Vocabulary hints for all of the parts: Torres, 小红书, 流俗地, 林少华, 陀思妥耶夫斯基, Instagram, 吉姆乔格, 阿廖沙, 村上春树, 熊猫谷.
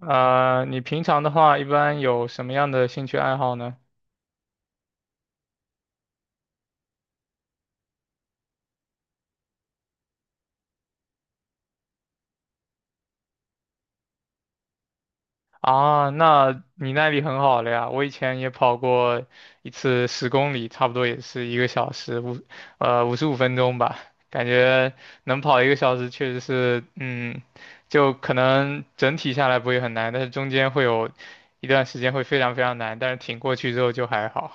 你平常的话一般有什么样的兴趣爱好呢？啊，那你耐力很好了呀。我以前也跑过一次十公里，差不多也是一个小时五，五十五分钟吧。感觉能跑一个小时，确实是，嗯，就可能整体下来不会很难，但是中间会有一段时间会非常难，但是挺过去之后就还好。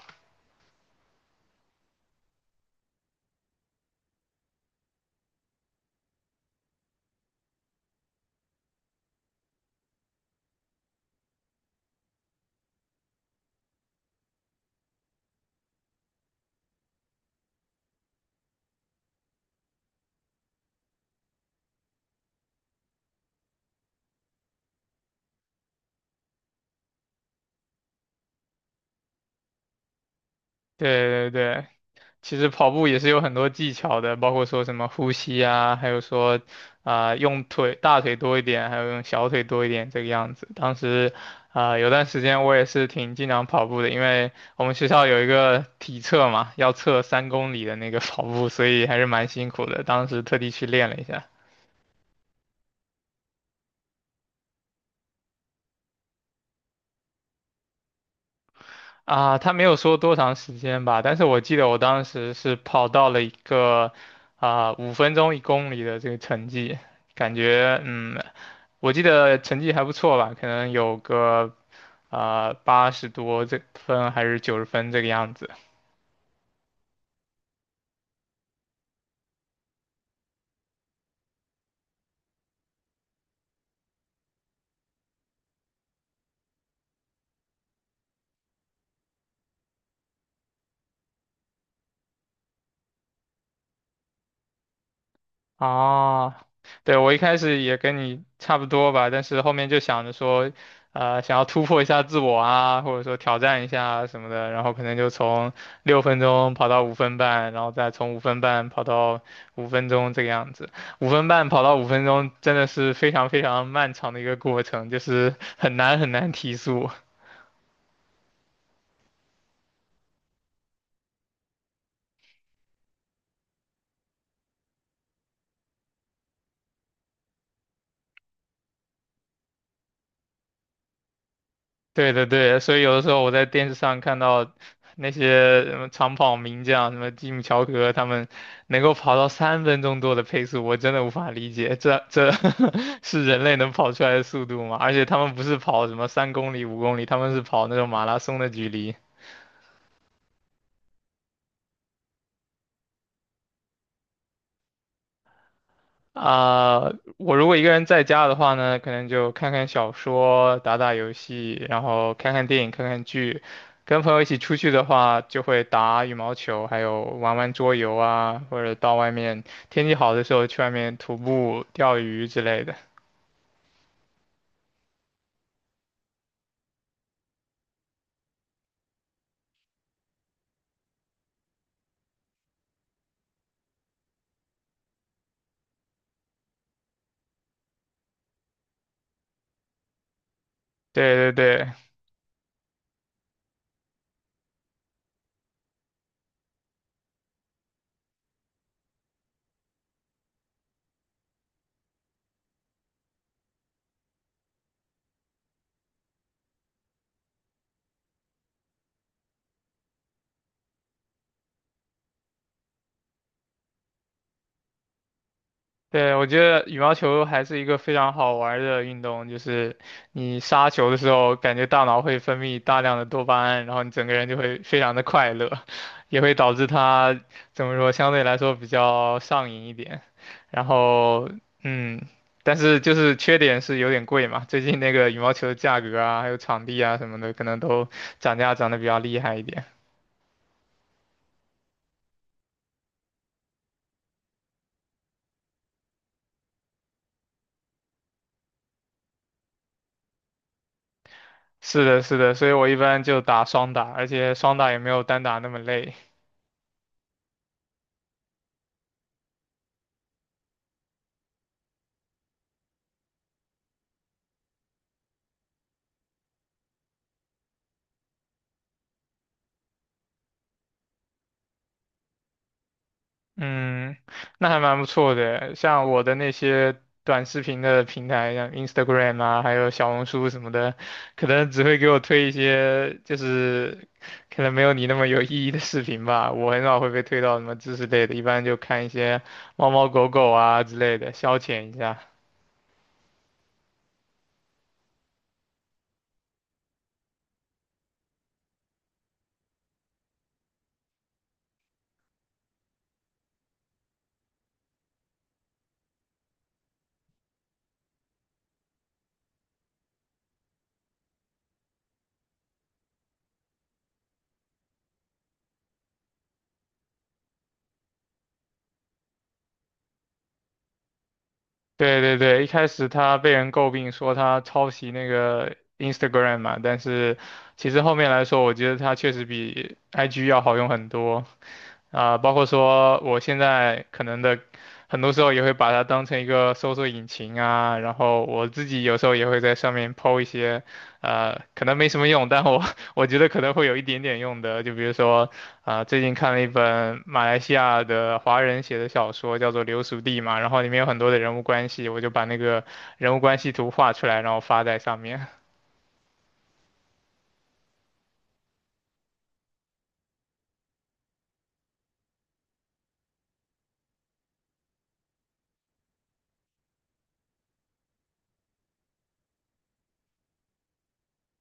对,其实跑步也是有很多技巧的，包括说什么呼吸啊，还有说用腿大腿多一点，还有用小腿多一点这个样子。当时有段时间我也是挺经常跑步的，因为我们学校有一个体测嘛，要测三公里的那个跑步，所以还是蛮辛苦的。当时特地去练了一下。啊，他没有说多长时间吧，但是我记得我当时是跑到了一个五分钟一公里的这个成绩，感觉嗯，我记得成绩还不错吧，可能有个八十多这分还是九十分这个样子。哦，对，我一开始也跟你差不多吧，但是后面就想着说，想要突破一下自我啊，或者说挑战一下啊什么的，然后可能就从六分钟跑到五分半，然后再从五分半跑到五分钟这个样子。五分半跑到五分钟真的是非常漫长的一个过程，就是很难提速。对,所以有的时候我在电视上看到那些什么长跑名将，什么吉姆乔格，他们能够跑到三分钟多的配速，我真的无法理解，这 是人类能跑出来的速度吗？而且他们不是跑什么三公里、五公里，他们是跑那种马拉松的距离。啊、我如果一个人在家的话呢，可能就看看小说、打打游戏，然后看看电影、看看剧。跟朋友一起出去的话，就会打羽毛球，还有玩玩桌游啊，或者到外面天气好的时候去外面徒步、钓鱼之类的。对对对。对，我觉得羽毛球还是一个非常好玩儿的运动，就是你杀球的时候，感觉大脑会分泌大量的多巴胺，然后你整个人就会非常的快乐，也会导致它怎么说，相对来说比较上瘾一点。然后，嗯，但是就是缺点是有点贵嘛，最近那个羽毛球的价格啊，还有场地啊什么的，可能都涨价涨得比较厉害一点。是的，是的，所以我一般就打双打，而且双打也没有单打那么累。嗯，那还蛮不错的。像我的那些短视频的平台，像 Instagram 啊，还有小红书什么的，可能只会给我推一些就是可能没有你那么有意义的视频吧。我很少会被推到什么知识类的，一般就看一些猫猫狗狗啊之类的，消遣一下。对,一开始他被人诟病说他抄袭那个 Instagram 嘛，但是其实后面来说，我觉得他确实比 IG 要好用很多。包括说我现在可能的，很多时候也会把它当成一个搜索引擎啊，然后我自己有时候也会在上面 PO 一些，可能没什么用，但我 我觉得可能会有一点点用的，就比如说，最近看了一本马来西亚的华人写的小说，叫做《流俗地》嘛，然后里面有很多的人物关系，我就把那个人物关系图画出来，然后发在上面。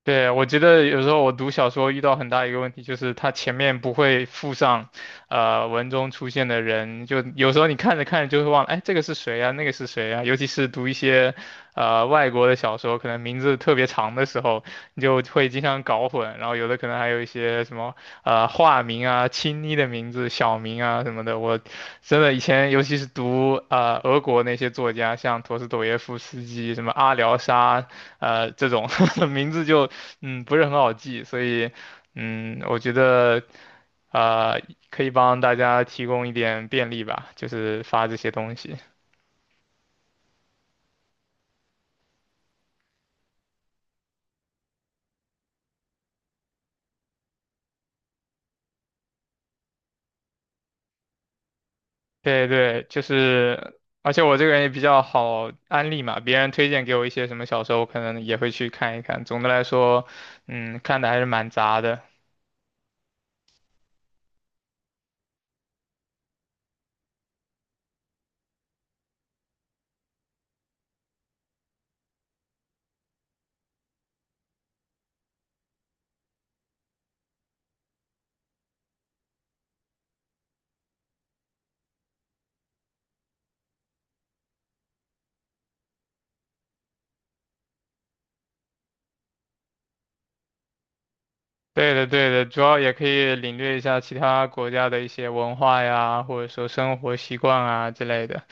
对，我觉得有时候我读小说遇到很大一个问题，就是它前面不会附上，文中出现的人，就有时候你看着看着就会忘了，哎，这个是谁啊，那个是谁啊？尤其是读一些，外国的小说，可能名字特别长的时候，你就会经常搞混，然后有的可能还有一些什么化名啊、亲昵的名字、小名啊什么的。我真的以前，尤其是读俄国那些作家，像陀思妥耶夫斯基、什么阿廖沙，这种 名字就嗯不是很好记，所以嗯我觉得呃可以帮大家提供一点便利吧，就是发这些东西。对对，就是，而且我这个人也比较好安利嘛，别人推荐给我一些什么小说，我可能也会去看一看。总的来说，嗯，看的还是蛮杂的。对的，对的，主要也可以领略一下其他国家的一些文化呀，或者说生活习惯啊之类的。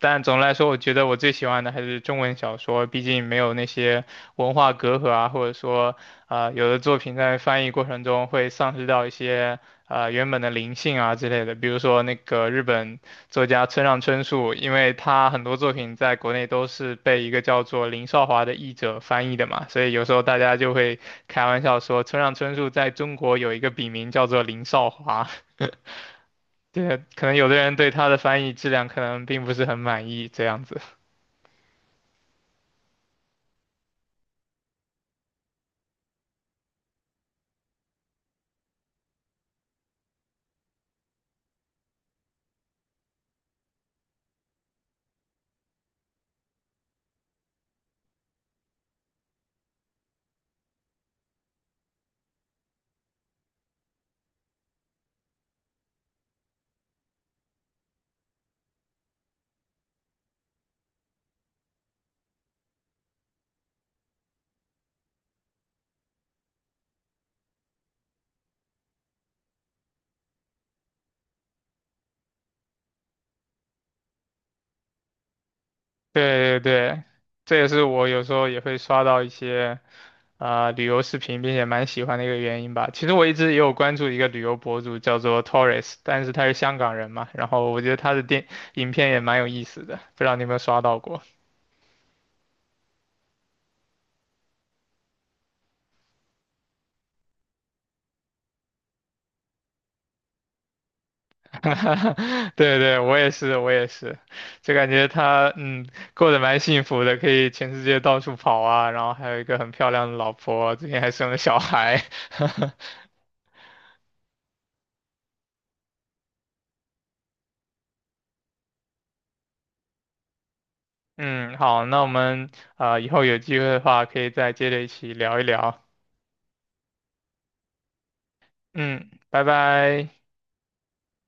但总的来说，我觉得我最喜欢的还是中文小说，毕竟没有那些文化隔阂啊，或者说，啊，有的作品在翻译过程中会丧失掉一些原本的灵性啊之类的。比如说那个日本作家村上春树，因为他很多作品在国内都是被一个叫做林少华的译者翻译的嘛，所以有时候大家就会开玩笑说村上春树在中国有一个笔名叫做林少华。对，可能有的人对他的翻译质量可能并不是很满意，这样子。对,这也是我有时候也会刷到一些旅游视频，并且蛮喜欢的一个原因吧。其实我一直也有关注一个旅游博主叫做 Torres,但是他是香港人嘛，然后我觉得他的电影片也蛮有意思的，不知道你有没有刷到过。对对，我也是,就感觉他嗯过得蛮幸福的，可以全世界到处跑啊，然后还有一个很漂亮的老婆，最近还生了小孩。嗯，好，那我们以后有机会的话，可以再接着一起聊一聊。嗯，拜拜。